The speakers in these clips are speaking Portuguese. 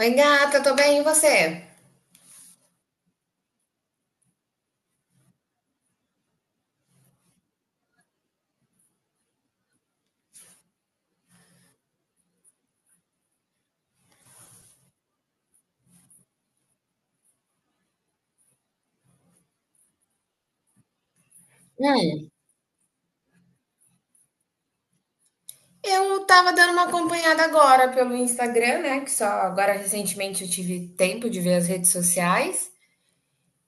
Oi, gata, tô bem, e você? Hum, Eu tava dando uma acompanhada agora pelo Instagram, né? Que só agora recentemente eu tive tempo de ver as redes sociais.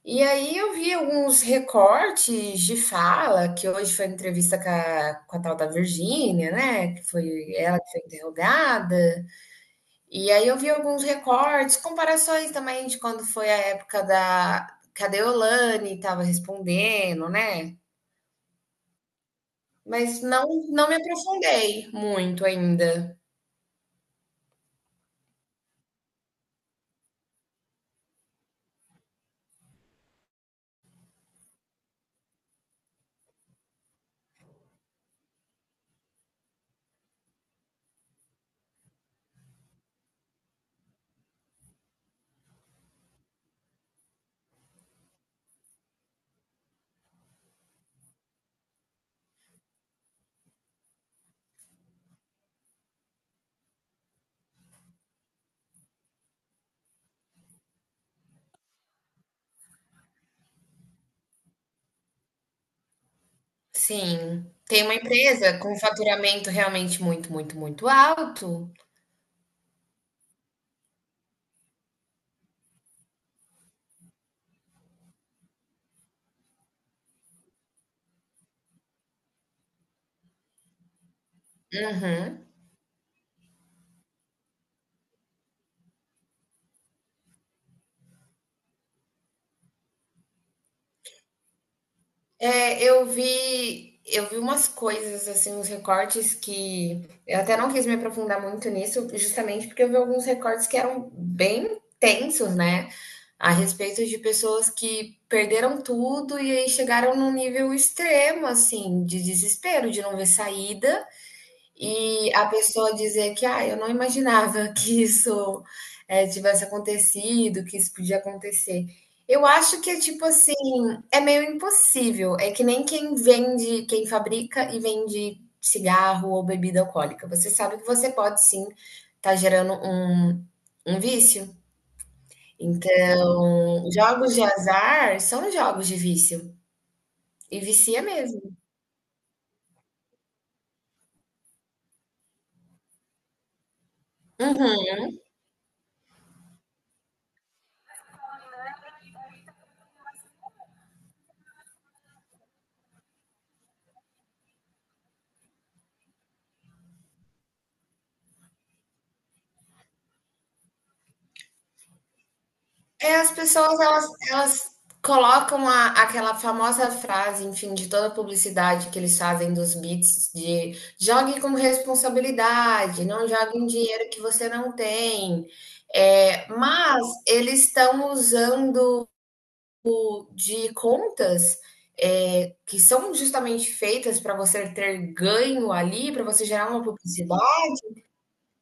E aí eu vi alguns recortes de fala, que hoje foi entrevista com a tal da Virgínia, né? Que foi ela que foi interrogada. E aí eu vi alguns recortes, comparações também de quando foi a época da... Cadê Olane estava respondendo, né? Mas não me aprofundei muito ainda. Sim, tem uma empresa com faturamento realmente muito, muito, muito alto. Uhum. É, eu vi umas coisas, assim, uns recortes que eu até não quis me aprofundar muito nisso, justamente porque eu vi alguns recortes que eram bem tensos, né, a respeito de pessoas que perderam tudo e aí chegaram num nível extremo, assim, de desespero, de não ver saída. E a pessoa dizer que, ah, eu não imaginava que isso tivesse acontecido, que isso podia acontecer. Eu acho que é tipo assim, é meio impossível. É que nem quem vende, quem fabrica e vende cigarro ou bebida alcoólica. Você sabe que você pode sim estar gerando um vício. Então, jogos de azar são jogos de vício. E vicia mesmo. Uhum. É, as pessoas elas colocam a, aquela famosa frase, enfim, de toda publicidade que eles fazem dos beats de jogue com responsabilidade, não jogue em dinheiro que você não tem. É, mas eles estão usando de contas que são justamente feitas para você ter ganho ali, para você gerar uma publicidade,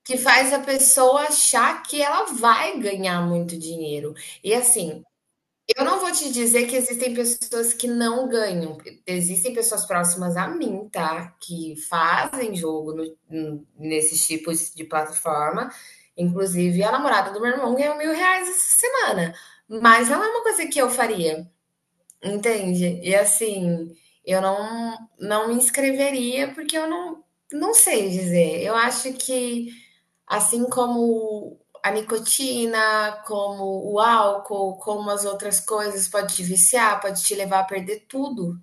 que faz a pessoa achar que ela vai ganhar muito dinheiro. E assim, eu não vou te dizer que existem pessoas que não ganham. Existem pessoas próximas a mim, tá? Que fazem jogo nesses tipos de plataforma. Inclusive, a namorada do meu irmão ganhou 1.000 reais essa semana. Mas não é uma coisa que eu faria, entende? E assim, eu não me inscreveria porque eu não, não sei dizer. Eu acho que. Assim como a nicotina, como o álcool, como as outras coisas, pode te viciar, pode te levar a perder tudo.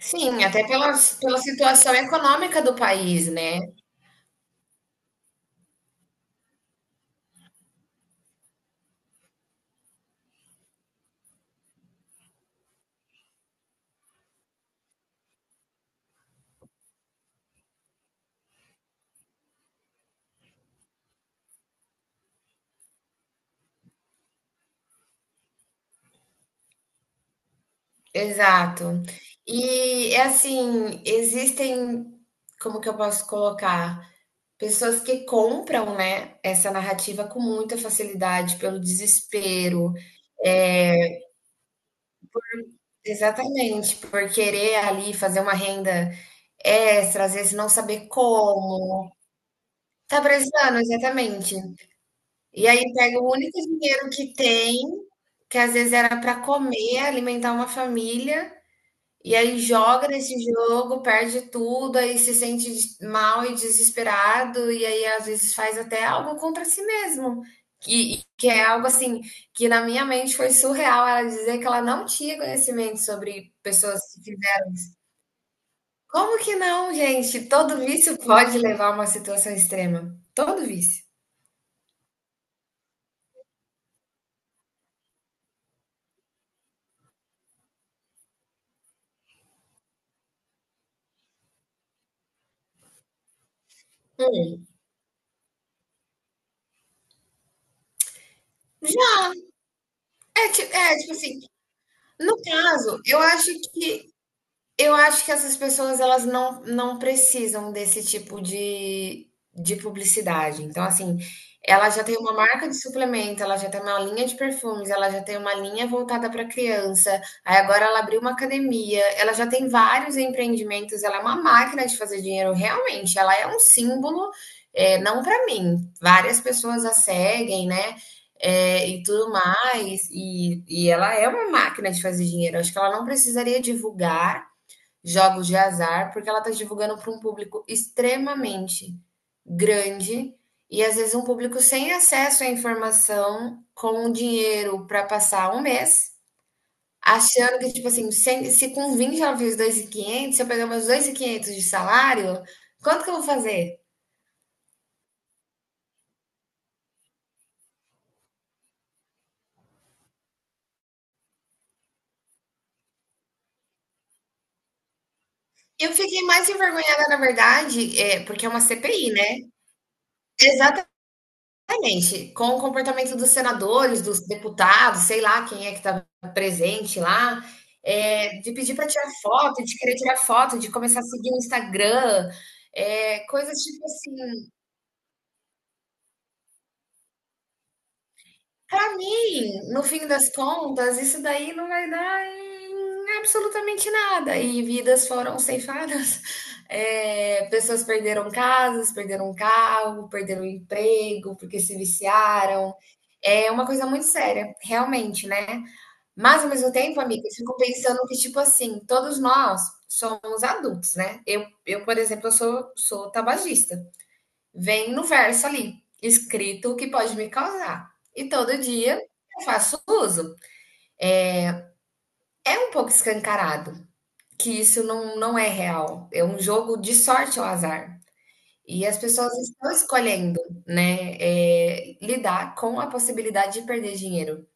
Sim, até pela situação econômica do país, né. Exato. E é assim, existem, como que eu posso colocar? Pessoas que compram, né, essa narrativa com muita facilidade pelo desespero. É, exatamente, por querer ali fazer uma renda extra, às vezes não saber como. Tá precisando, exatamente. E aí pega o único dinheiro que tem, que às vezes era para comer, alimentar uma família, e aí joga nesse jogo, perde tudo, aí se sente mal e desesperado, e aí às vezes faz até algo contra si mesmo. Que é algo assim, que na minha mente foi surreal ela dizer que ela não tinha conhecimento sobre pessoas que... Como que não, gente? Todo vício pode levar a uma situação extrema. Todo vício. Hum. Tipo assim, no caso, eu acho que. Eu acho que essas pessoas elas não, não precisam desse tipo de publicidade. Então, assim, ela já tem uma marca de suplemento, ela já tem uma linha de perfumes, ela já tem uma linha voltada para criança. Aí agora ela abriu uma academia, ela já tem vários empreendimentos, ela é uma máquina de fazer dinheiro, realmente. Ela é um símbolo, é, não para mim. Várias pessoas a seguem, né? É, e tudo mais, e ela é uma máquina de fazer dinheiro. Acho que ela não precisaria divulgar jogos de azar, porque ela está divulgando para um público extremamente grande e às vezes um público sem acesso à informação, com um dinheiro para passar um mês, achando que, tipo assim, se com 20 ela e quinhentos, se eu pegar meus 2.500 de salário, quanto que eu vou fazer? Eu fiquei mais envergonhada, na verdade, é, porque é uma CPI, né? Exatamente. Exatamente. Com o comportamento dos senadores, dos deputados, sei lá quem é que está presente lá, de pedir para tirar foto, de querer tirar foto, de começar a seguir no Instagram, coisas tipo assim. Para mim, no fim das contas, isso daí não vai dar em absolutamente nada. E vidas foram ceifadas. Pessoas perderam casas, perderam carro, perderam emprego porque se viciaram. É uma coisa muito séria, realmente, né? Mas, ao mesmo tempo, amiga, eu fico pensando que, tipo assim, todos nós somos adultos, né? Eu por exemplo, eu sou tabagista. Vem no verso ali, escrito o que pode me causar. E todo dia eu faço uso. É um pouco escancarado que isso não é real. É um jogo de sorte ao azar. E as pessoas estão escolhendo, né, é, lidar com a possibilidade de perder dinheiro,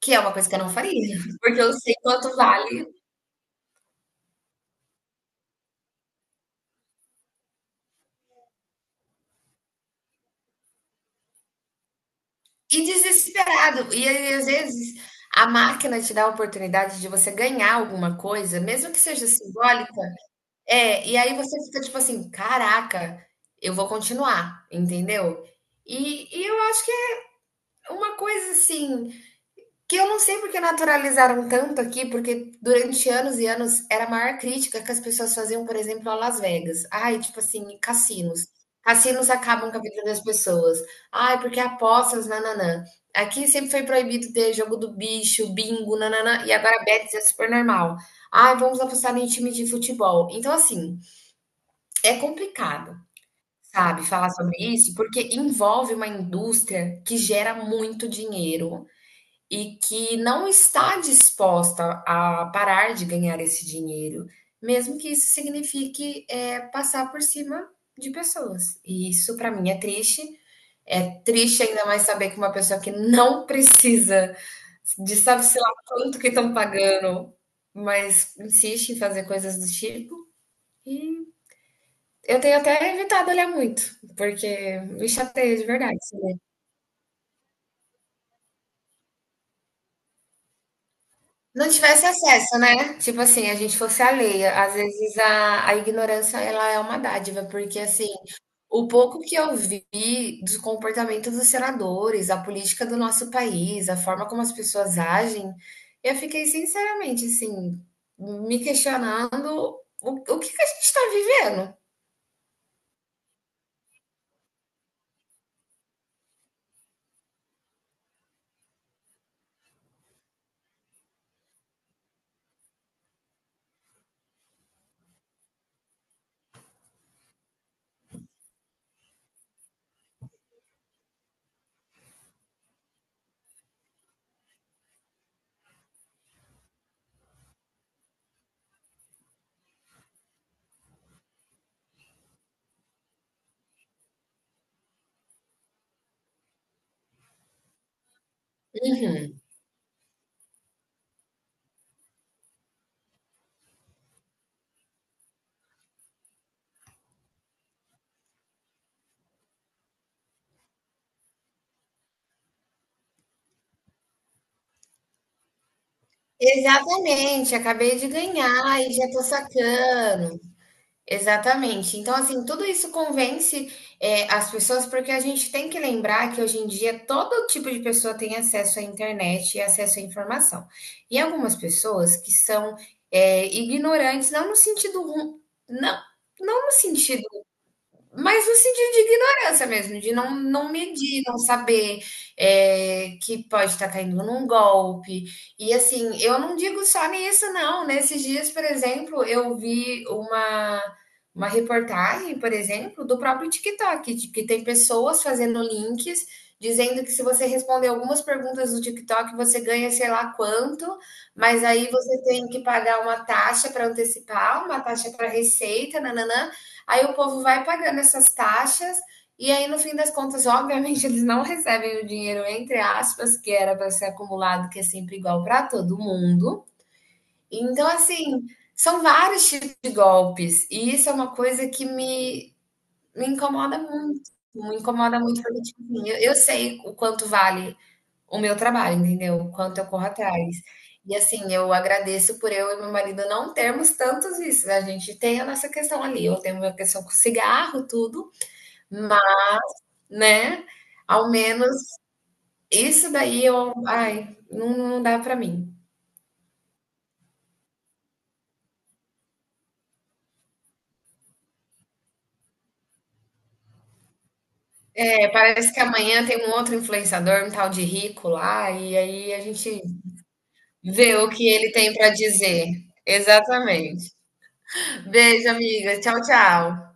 que é uma coisa que eu não faria, porque eu sei quanto vale. E desesperado. E aí, às vezes a máquina te dá a oportunidade de você ganhar alguma coisa, mesmo que seja simbólica. É, e aí você fica tipo assim: "Caraca, eu vou continuar", entendeu? E eu acho que é uma coisa assim que eu não sei porque naturalizaram tanto aqui, porque durante anos e anos era a maior crítica que as pessoas faziam, por exemplo, a Las Vegas. Ai, tipo assim, cassinos. Cassinos acabam com a vida das pessoas. Ai, porque é apostas, nananã. Aqui sempre foi proibido ter jogo do bicho, bingo, nananã. E agora bets é super normal. Ai, vamos apostar em time de futebol. Então, assim, é complicado, sabe, falar sobre isso, porque envolve uma indústria que gera muito dinheiro, e que não está disposta a parar de ganhar esse dinheiro, mesmo que isso signifique, é, passar por cima de pessoas. E isso para mim é triste. É triste ainda mais saber que uma pessoa que não precisa, de sabe se lá quanto que estão pagando, mas insiste em fazer coisas do tipo. E eu tenho até evitado olhar muito, porque me chateia de verdade. Não tivesse acesso, né? Tipo assim, a gente fosse alheia. Às vezes a ignorância ela é uma dádiva, porque assim, o pouco que eu vi do comportamento dos senadores, a política do nosso país, a forma como as pessoas agem, eu fiquei sinceramente assim, me questionando o que que a gente está vivendo. Uhum. Exatamente, acabei de ganhar e já tô sacando. Exatamente. Então, assim, tudo isso convence, as pessoas, porque a gente tem que lembrar que hoje em dia todo tipo de pessoa tem acesso à internet e acesso à informação. E algumas pessoas que são, ignorantes, não, não no sentido, mas no sentido de ignorância mesmo, de não medir, não saber, é, que pode estar caindo num golpe. E assim, eu não digo só nisso, não. Nesses dias, por exemplo, eu vi uma reportagem, por exemplo, do próprio TikTok, de que tem pessoas fazendo links dizendo que se você responder algumas perguntas do TikTok, você ganha sei lá quanto, mas aí você tem que pagar uma taxa para antecipar, uma taxa para receita, nananã. Aí o povo vai pagando essas taxas e aí no fim das contas, obviamente, eles não recebem o dinheiro entre aspas que era para ser acumulado, que é sempre igual para todo mundo. Então, assim, são vários tipos de golpes e isso é uma coisa que me incomoda muito, me incomoda muito porque, tipo assim, eu sei o quanto vale o meu trabalho, entendeu? O quanto eu corro atrás. E assim, eu agradeço por eu e meu marido não termos tantos vícios. A gente tem a nossa questão ali, eu tenho a minha questão com cigarro, tudo, mas, né, ao menos isso daí eu, ai, não dá pra mim. É, parece que amanhã tem um outro influenciador, um tal de Rico lá, e aí a gente vê o que ele tem pra dizer. Exatamente. Beijo, amiga. Tchau, tchau.